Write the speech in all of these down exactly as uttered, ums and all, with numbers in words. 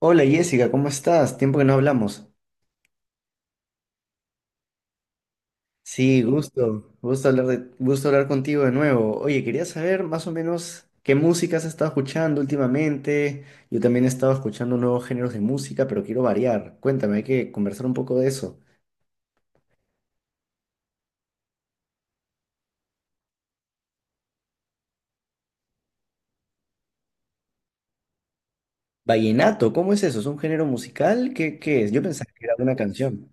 Hola Jessica, ¿cómo estás? Tiempo que no hablamos. Sí, gusto, gusto hablar de, gusto hablar contigo de nuevo. Oye, quería saber más o menos qué música has estado escuchando últimamente. Yo también he estado escuchando nuevos géneros de música, pero quiero variar. Cuéntame, hay que conversar un poco de eso. Vallenato, ¿cómo es eso? ¿Es un género musical? ¿Qué, qué es? Yo pensaba que era una canción.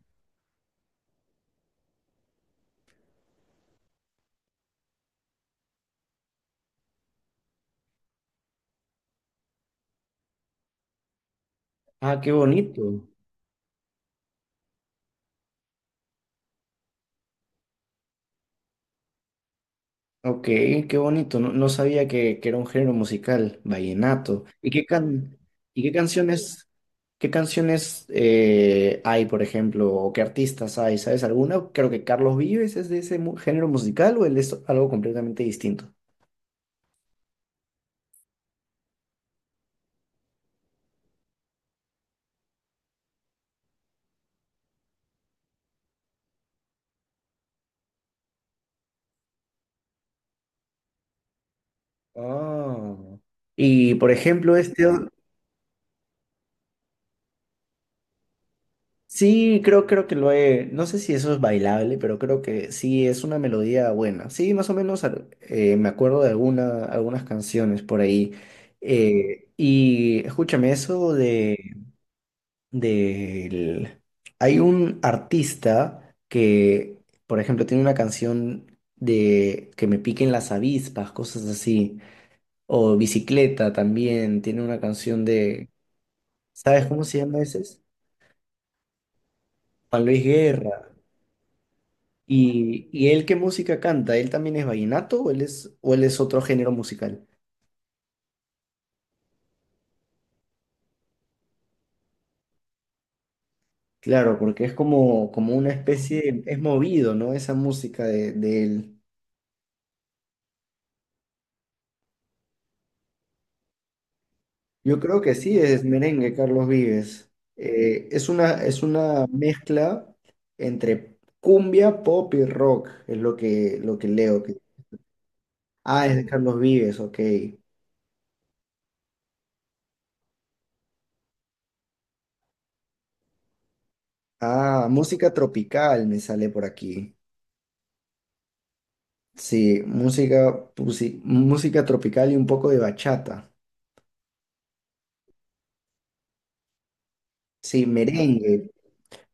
Ah, qué bonito. Ok, qué bonito. No, no sabía que, que era un género musical, vallenato. ¿Y qué can y qué canciones, qué canciones eh, hay, por ejemplo, o qué artistas hay? ¿Sabes alguna? Creo que Carlos Vives es de ese mu- género musical o él es algo completamente distinto. Ah. Y por ejemplo, este, o- Sí, creo, creo que lo he. No sé si eso es bailable, pero creo que sí es una melodía buena. Sí, más o menos al- eh, me acuerdo de alguna, algunas canciones por ahí. Eh, y escúchame, eso de, del- Hay un artista que, por ejemplo, tiene una canción de que me piquen las avispas, cosas así. O Bicicleta también tiene una canción de. ¿Sabes cómo se llama ese? Juan Luis Guerra. ¿Y, y él qué música canta? ¿Él también es vallenato o él es, o él es otro género musical? Claro, porque es como, como una especie, es movido, ¿no? Esa música de, de él. Yo creo que sí, es merengue, Carlos Vives. Eh, es una, es una mezcla entre cumbia, pop y rock, es lo que, lo que leo. Que ah, es de Carlos Vives, ok. Ah, música tropical me sale por aquí. Sí, música, pusi- música tropical y un poco de bachata. Sí, merengue.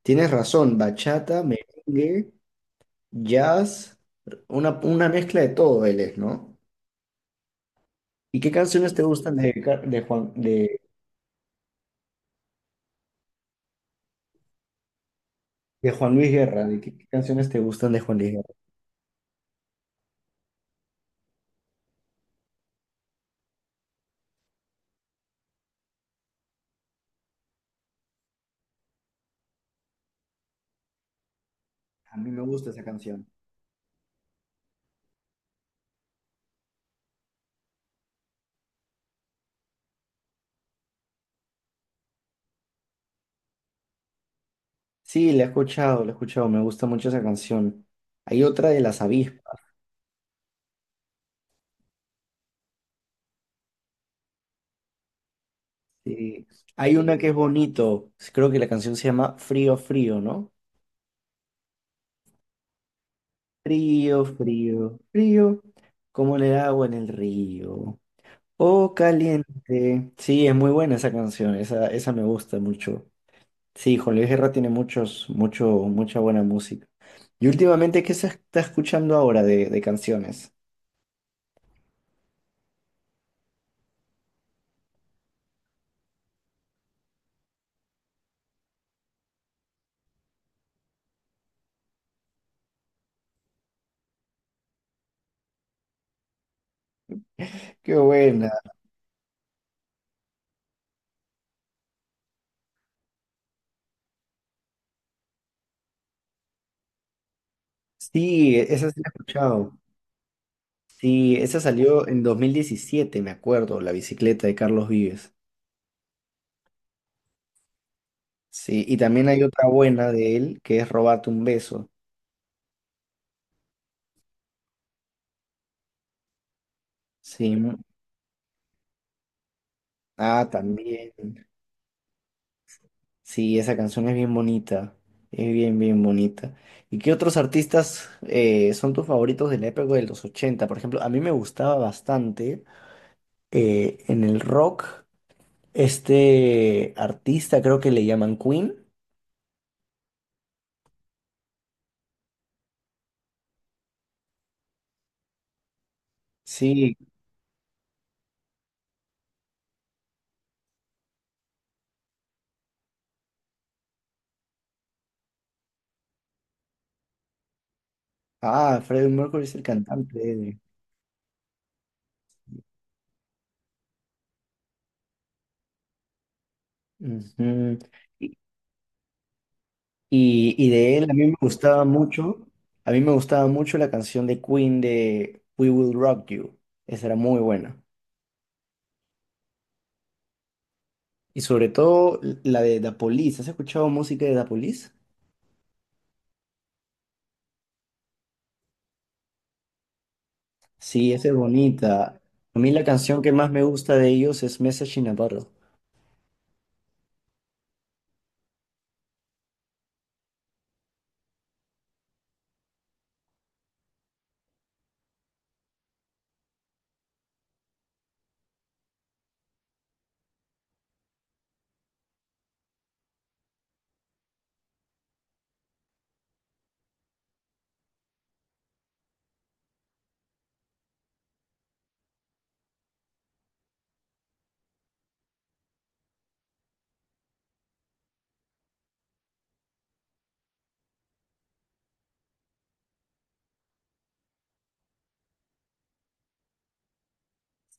Tienes razón, bachata, merengue, jazz, una, una mezcla de todo él es, ¿no? ¿Y qué canciones te gustan de, Car- de Juan, de, de Juan Luis Guerra? ¿De qué, qué canciones te gustan de Juan Luis Guerra? A mí me gusta esa canción. Sí, la he escuchado, la he escuchado, me gusta mucho esa canción. Hay otra de las avispas. Sí. Hay una que es bonito, creo que la canción se llama Frío, Frío, ¿no? Frío, frío, frío, como en el agua en el río. Oh, caliente. Sí, es muy buena esa canción, esa, esa me gusta mucho. Sí, Juan Luis Guerra tiene muchos, mucho, mucha buena música. Y últimamente, ¿qué se está escuchando ahora de, de canciones? Qué buena. Sí, e, esa sí la he escuchado. Sí, esa salió en dos mil diecisiete me acuerdo, La bicicleta de Carlos Vives. Sí, y también hay otra buena de él, que es Robarte un beso. Sí. Ah, también. Sí, esa canción es bien bonita, es bien, bien bonita. ¿Y qué otros artistas eh, son tus favoritos de la época de los ochenta? Por ejemplo, a mí me gustaba bastante eh, en el rock este artista, creo que le llaman Queen. Sí, ah, Freddie Mercury es el cantante. Ujú. Y, y y de él a mí me gustaba mucho, a mí me gustaba mucho la canción de Queen de We Will Rock You. Esa era muy buena. Y sobre todo la de Da Police. ¿Has escuchado música de Da Police? Sí, esa es bonita. A mí la canción que más me gusta de ellos es Message in a Bottle.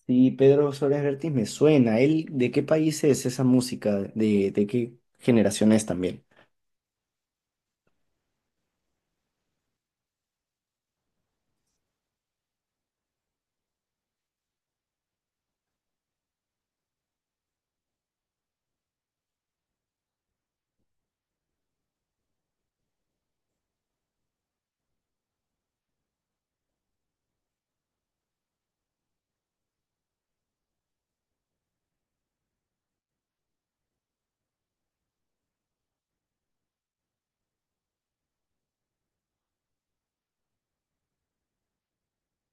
Sí, Pedro Suárez Vértiz me suena. ¿Él de qué país es esa música? ¿De, de qué generación es también?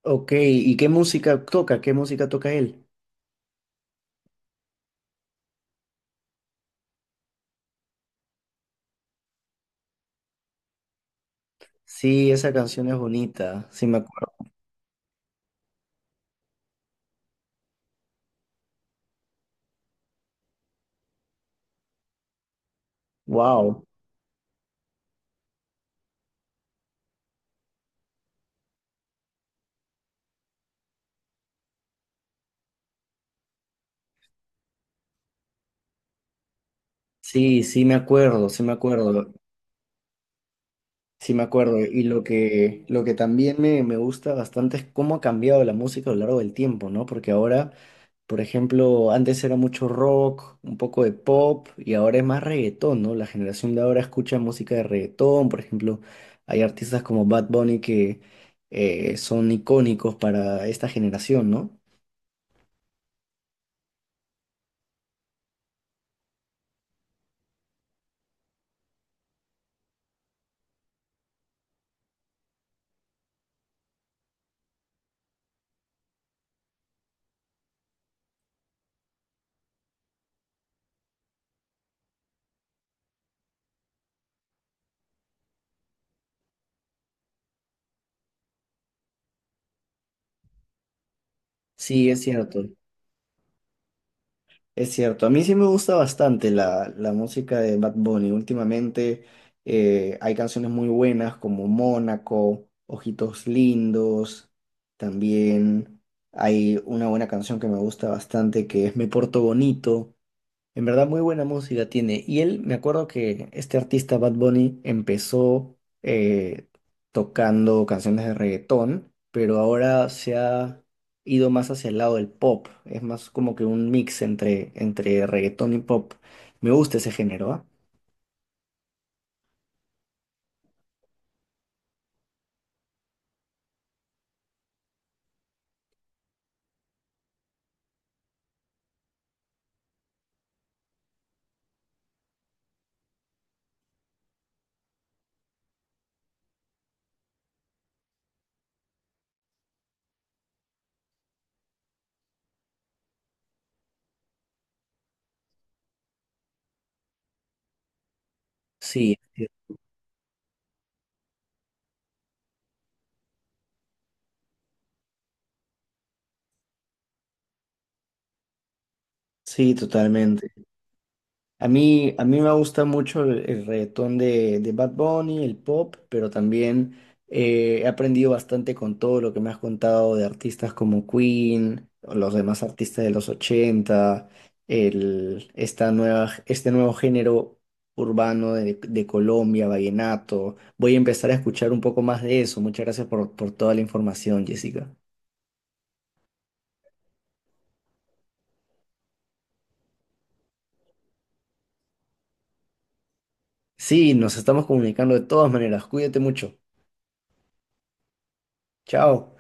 Ok, ¿y qué música toca? ¿Qué música toca él? Sí, esa canción es bonita. Sí, me acuerdo. Wow. Sí, sí me acuerdo, sí me acuerdo. Sí, me acuerdo. Y lo que, lo que también me, me gusta bastante es cómo ha cambiado la música a lo largo del tiempo, ¿no? Porque ahora, por ejemplo, antes era mucho rock, un poco de pop, y ahora es más reggaetón, ¿no? La generación de ahora escucha música de reggaetón, por ejemplo, hay artistas como Bad Bunny que eh, son icónicos para esta generación, ¿no? Sí, es cierto. Es cierto, a mí sí me gusta bastante la, la música de Bad Bunny. Últimamente eh, hay canciones muy buenas como Mónaco, Ojitos Lindos. También hay una buena canción que me gusta bastante que es Me Porto Bonito. En verdad, muy buena música tiene. Y él, me acuerdo que este artista Bad Bunny empezó eh, tocando canciones de reggaetón, pero ahora se ha ido más hacia el lado del pop. Es más como que un mix entre, entre reggaetón y pop. Me gusta ese género, ¿ah? Sí, sí, sí, totalmente. A mí, a mí me gusta mucho el, el reggaetón de, de Bad Bunny, el pop, pero también eh, he aprendido bastante con todo lo que me has contado de artistas como Queen, o los demás artistas de los ochenta, el, esta nueva, este nuevo género urbano de, de Colombia, vallenato. Voy a empezar a escuchar un poco más de eso. Muchas gracias por, por toda la información, Jessica. Sí, nos estamos comunicando de todas maneras. Cuídate mucho. Chao.